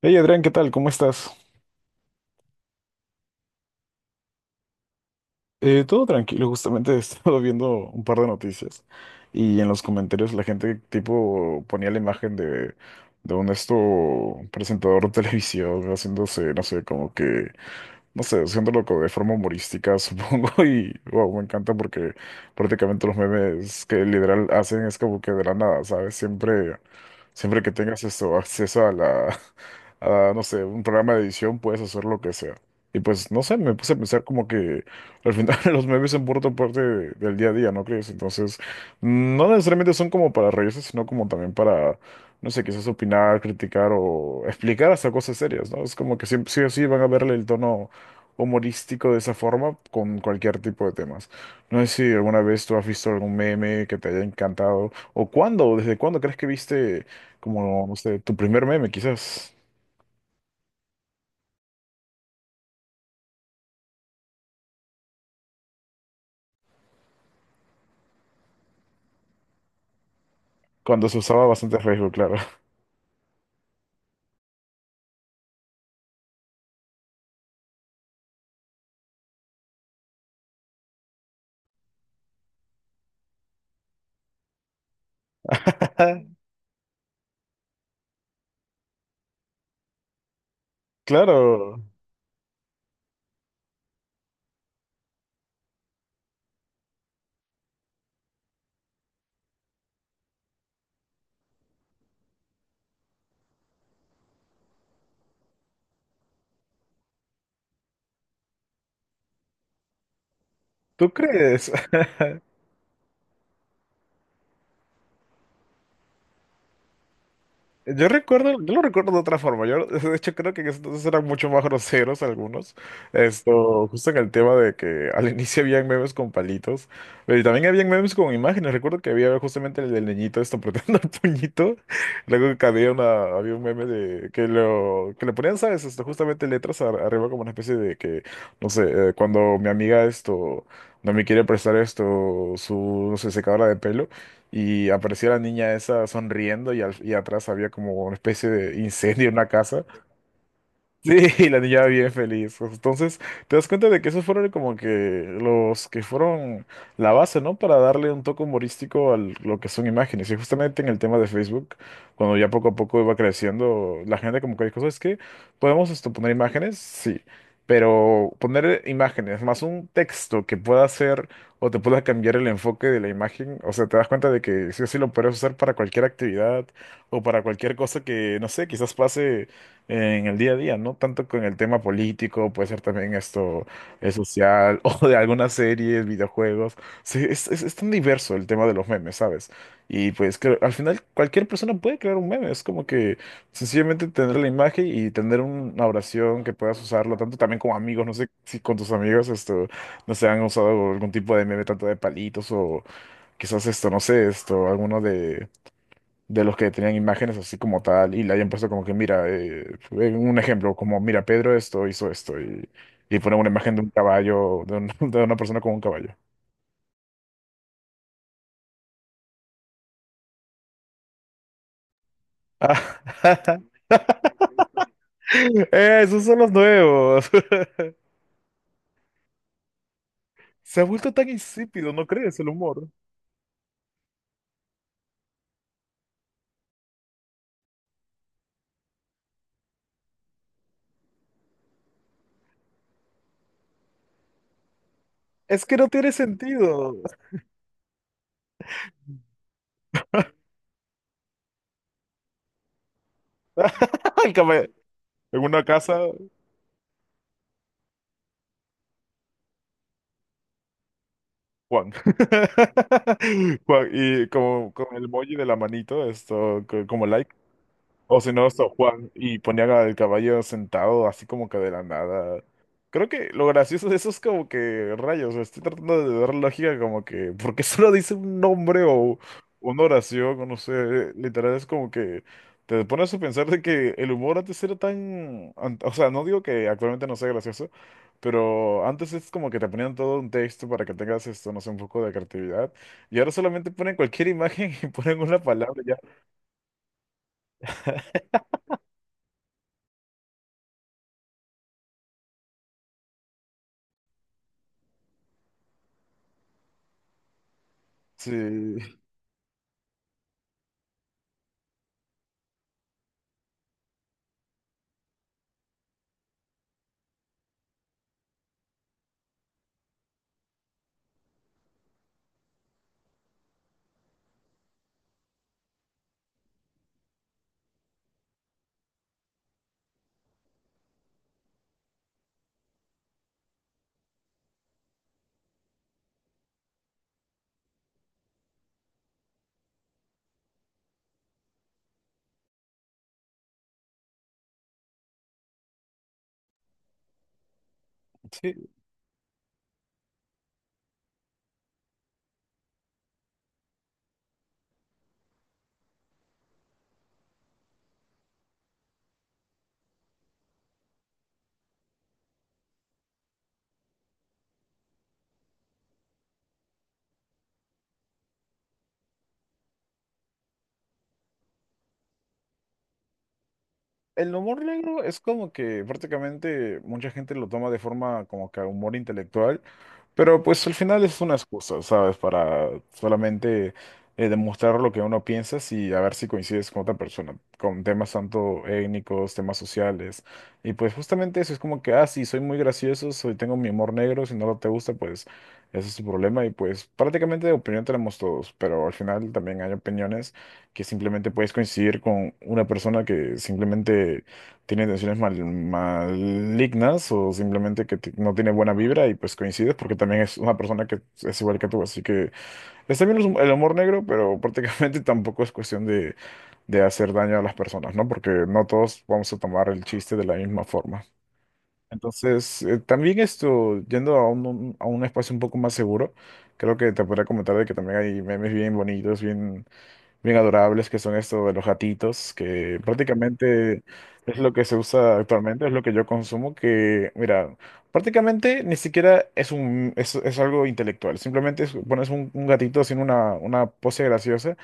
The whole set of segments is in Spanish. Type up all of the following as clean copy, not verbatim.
Hey Adrián, ¿qué tal? ¿Cómo estás? Todo tranquilo, justamente he estado viendo un par de noticias y en los comentarios la gente tipo ponía la imagen de un esto presentador de televisión haciéndose, no sé, como que, no sé, haciéndolo como de forma humorística, supongo, y wow, me encanta porque prácticamente los memes que literal hacen es como que de la nada, ¿sabes? Siempre... Siempre que tengas acceso a a, no sé, un programa de edición, puedes hacer lo que sea. Y pues, no sé, me puse a pensar como que al final los memes son por otra parte del día a día, ¿no crees? Entonces, no necesariamente son como para reírse, sino como también para, no sé, quizás opinar, criticar o explicar hasta cosas serias, ¿no? Es como que siempre, sí o sí van a verle el tono humorístico de esa forma con cualquier tipo de temas. No sé si alguna vez tú has visto algún meme que te haya encantado o cuándo, desde cuándo crees que viste como, no sé, tu primer meme, quizás. Cuando se usaba bastante Facebook, claro. Claro. ¿Tú crees? Yo recuerdo, yo lo recuerdo de otra forma. Yo, de hecho, creo que en ese entonces eran mucho más groseros algunos. Justo en el tema de que al inicio habían memes con palitos, pero y también habían memes con imágenes. Recuerdo que había justamente el del niñito esto apretando el puñito. Luego que había un meme de que lo que le ponían, ¿sabes? Justamente letras arriba como una especie de que, no sé, cuando mi amiga esto no me quiere prestar su, no sé, secadora de pelo y apareció la niña esa sonriendo y, y atrás había como una especie de incendio en una casa. Sí, la niña bien feliz. Pues, entonces, te das cuenta de que esos fueron como que los que fueron la base, ¿no? Para darle un toque humorístico a lo que son imágenes. Y justamente en el tema de Facebook, cuando ya poco a poco iba creciendo, la gente como que dijo, ¿sabes qué? ¿Podemos poner imágenes? Sí. Pero poner imágenes más un texto que pueda hacer o te pueda cambiar el enfoque de la imagen, o sea, te das cuenta de que sí o sí lo puedes usar para cualquier actividad o para cualquier cosa que, no sé, quizás pase en el día a día, no tanto con el tema político, puede ser también esto es social o de algunas series, videojuegos. Sí, es tan diverso el tema de los memes, ¿sabes? Y pues al final cualquier persona puede crear un meme, es como que sencillamente tener la imagen y tener una oración que puedas usarlo tanto también como amigos, no sé si con tus amigos no sé, han usado algún tipo de meme tanto de palitos o quizás no sé, alguno de los que tenían imágenes así como tal y le hayan puesto como que, mira, un ejemplo, como, mira, Pedro esto hizo esto y ponen una imagen de un caballo, de una persona con un caballo. Ah, esos son los nuevos. Se ha vuelto tan insípido, ¿no crees? El humor. Es que no tiene sentido. El caballo. En una casa, Juan. Juan, y como con el emoji de la manito, como like. O si no, San Juan y ponían al caballo sentado así como que de la nada. Creo que lo gracioso de eso es como que, rayos, estoy tratando de dar lógica como que, porque solo dice un nombre o una oración, o no sé, literal es como que te pones a pensar de que el humor antes era tan, o sea, no digo que actualmente no sea gracioso, pero antes es como que te ponían todo un texto para que tengas no sé, un poco de creatividad, y ahora solamente ponen cualquier imagen y ponen una palabra ya. Sí. El humor negro es como que prácticamente mucha gente lo toma de forma como que humor intelectual, pero pues al final es una excusa, ¿sabes? Para solamente demostrar lo que uno piensa y a ver si coincides con otra persona, con temas tanto étnicos, temas sociales. Y pues justamente eso es como que, ah, sí, soy muy gracioso, soy, tengo mi humor negro, si no te gusta, pues ese es tu problema. Y pues prácticamente de opinión tenemos todos, pero al final también hay opiniones que simplemente puedes coincidir con una persona que simplemente tiene intenciones malignas o simplemente que no tiene buena vibra y pues coincides porque también es una persona que es igual que tú. Así que está bien el amor negro, pero prácticamente tampoco es cuestión de hacer daño a las personas, ¿no? Porque no todos vamos a tomar el chiste de la misma forma. Entonces, también yendo a a un espacio un poco más seguro, creo que te podría comentar de que también hay memes bien bonitos, bien bien adorables, que son estos de los gatitos, que prácticamente es lo que se usa actualmente, es lo que yo consumo, que, mira, prácticamente ni siquiera es algo intelectual, simplemente pones un gatito haciendo una pose graciosa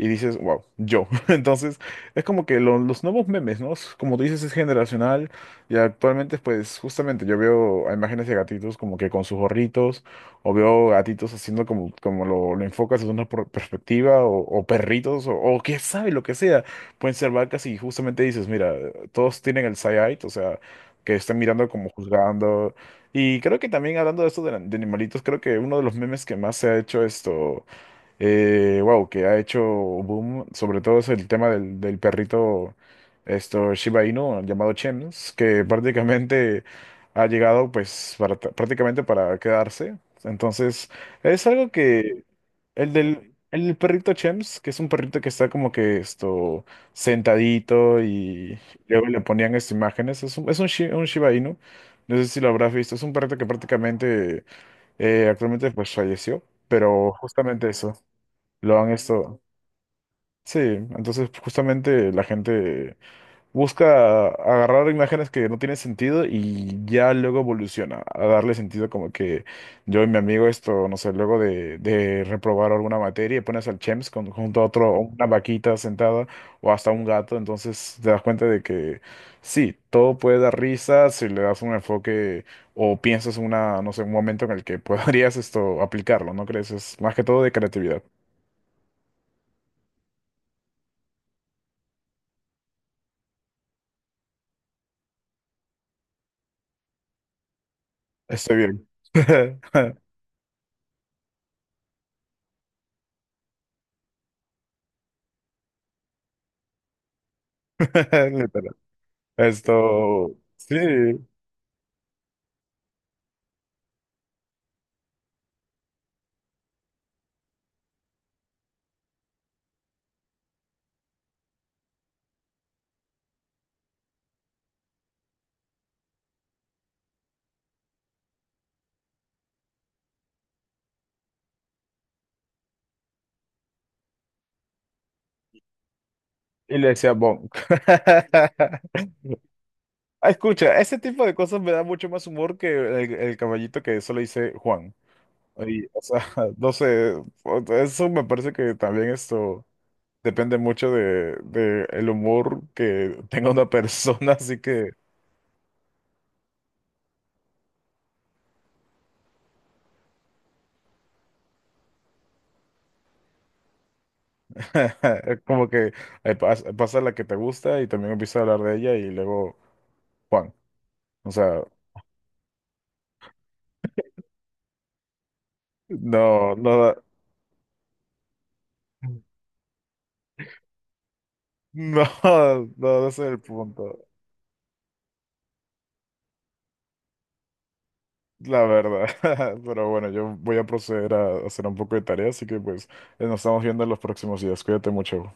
y dices, wow, yo. Entonces, es como que los nuevos memes, ¿no? Es como tú dices, es generacional y actualmente, pues, justamente yo veo a imágenes de gatitos como que con sus gorritos o veo gatitos haciendo como, como lo enfocas desde una perspectiva, o perritos, o quién sabe, lo que sea. Pueden ser vacas y justamente dices, mira, todos tienen el side-eye, o sea, que están mirando como juzgando. Y creo que también hablando de esto de animalitos, creo que uno de los memes que más se ha hecho esto wow, que ha hecho boom, sobre todo es el tema del, del perrito esto Shiba Inu llamado Chems, que prácticamente ha llegado pues prácticamente para quedarse. Entonces, es algo que el perrito Chems, que es un perrito que está como que esto sentadito y luego le ponían estas imágenes, es un Shiba Inu. No sé si lo habrás visto, es un perrito que prácticamente actualmente pues falleció, pero justamente eso. Lo han esto. Sí, entonces justamente la gente busca agarrar imágenes que no tienen sentido y ya luego evoluciona a darle sentido como que yo y mi amigo no sé, luego de reprobar alguna materia y pones al Chems junto a otro, o una vaquita sentada o hasta un gato, entonces te das cuenta de que sí, todo puede dar risa si le das un enfoque o piensas una, no sé, un momento en el que podrías esto aplicarlo, ¿no crees? Es más que todo de creatividad. Estoy bien. Literal. Esto, sí. Y le decía bonk. Ah, escucha, ese tipo de cosas me da mucho más humor que el caballito que solo dice Juan. Y, o sea, no sé, eso me parece que también esto depende mucho de el humor que tenga una persona, así que como que pasa la que te gusta y también empieza a hablar de ella y luego Juan. O sea, no, no da. No, no, ese es el punto, la verdad. Pero bueno, yo voy a proceder a hacer un poco de tarea, así que pues nos estamos viendo en los próximos días. Cuídate mucho.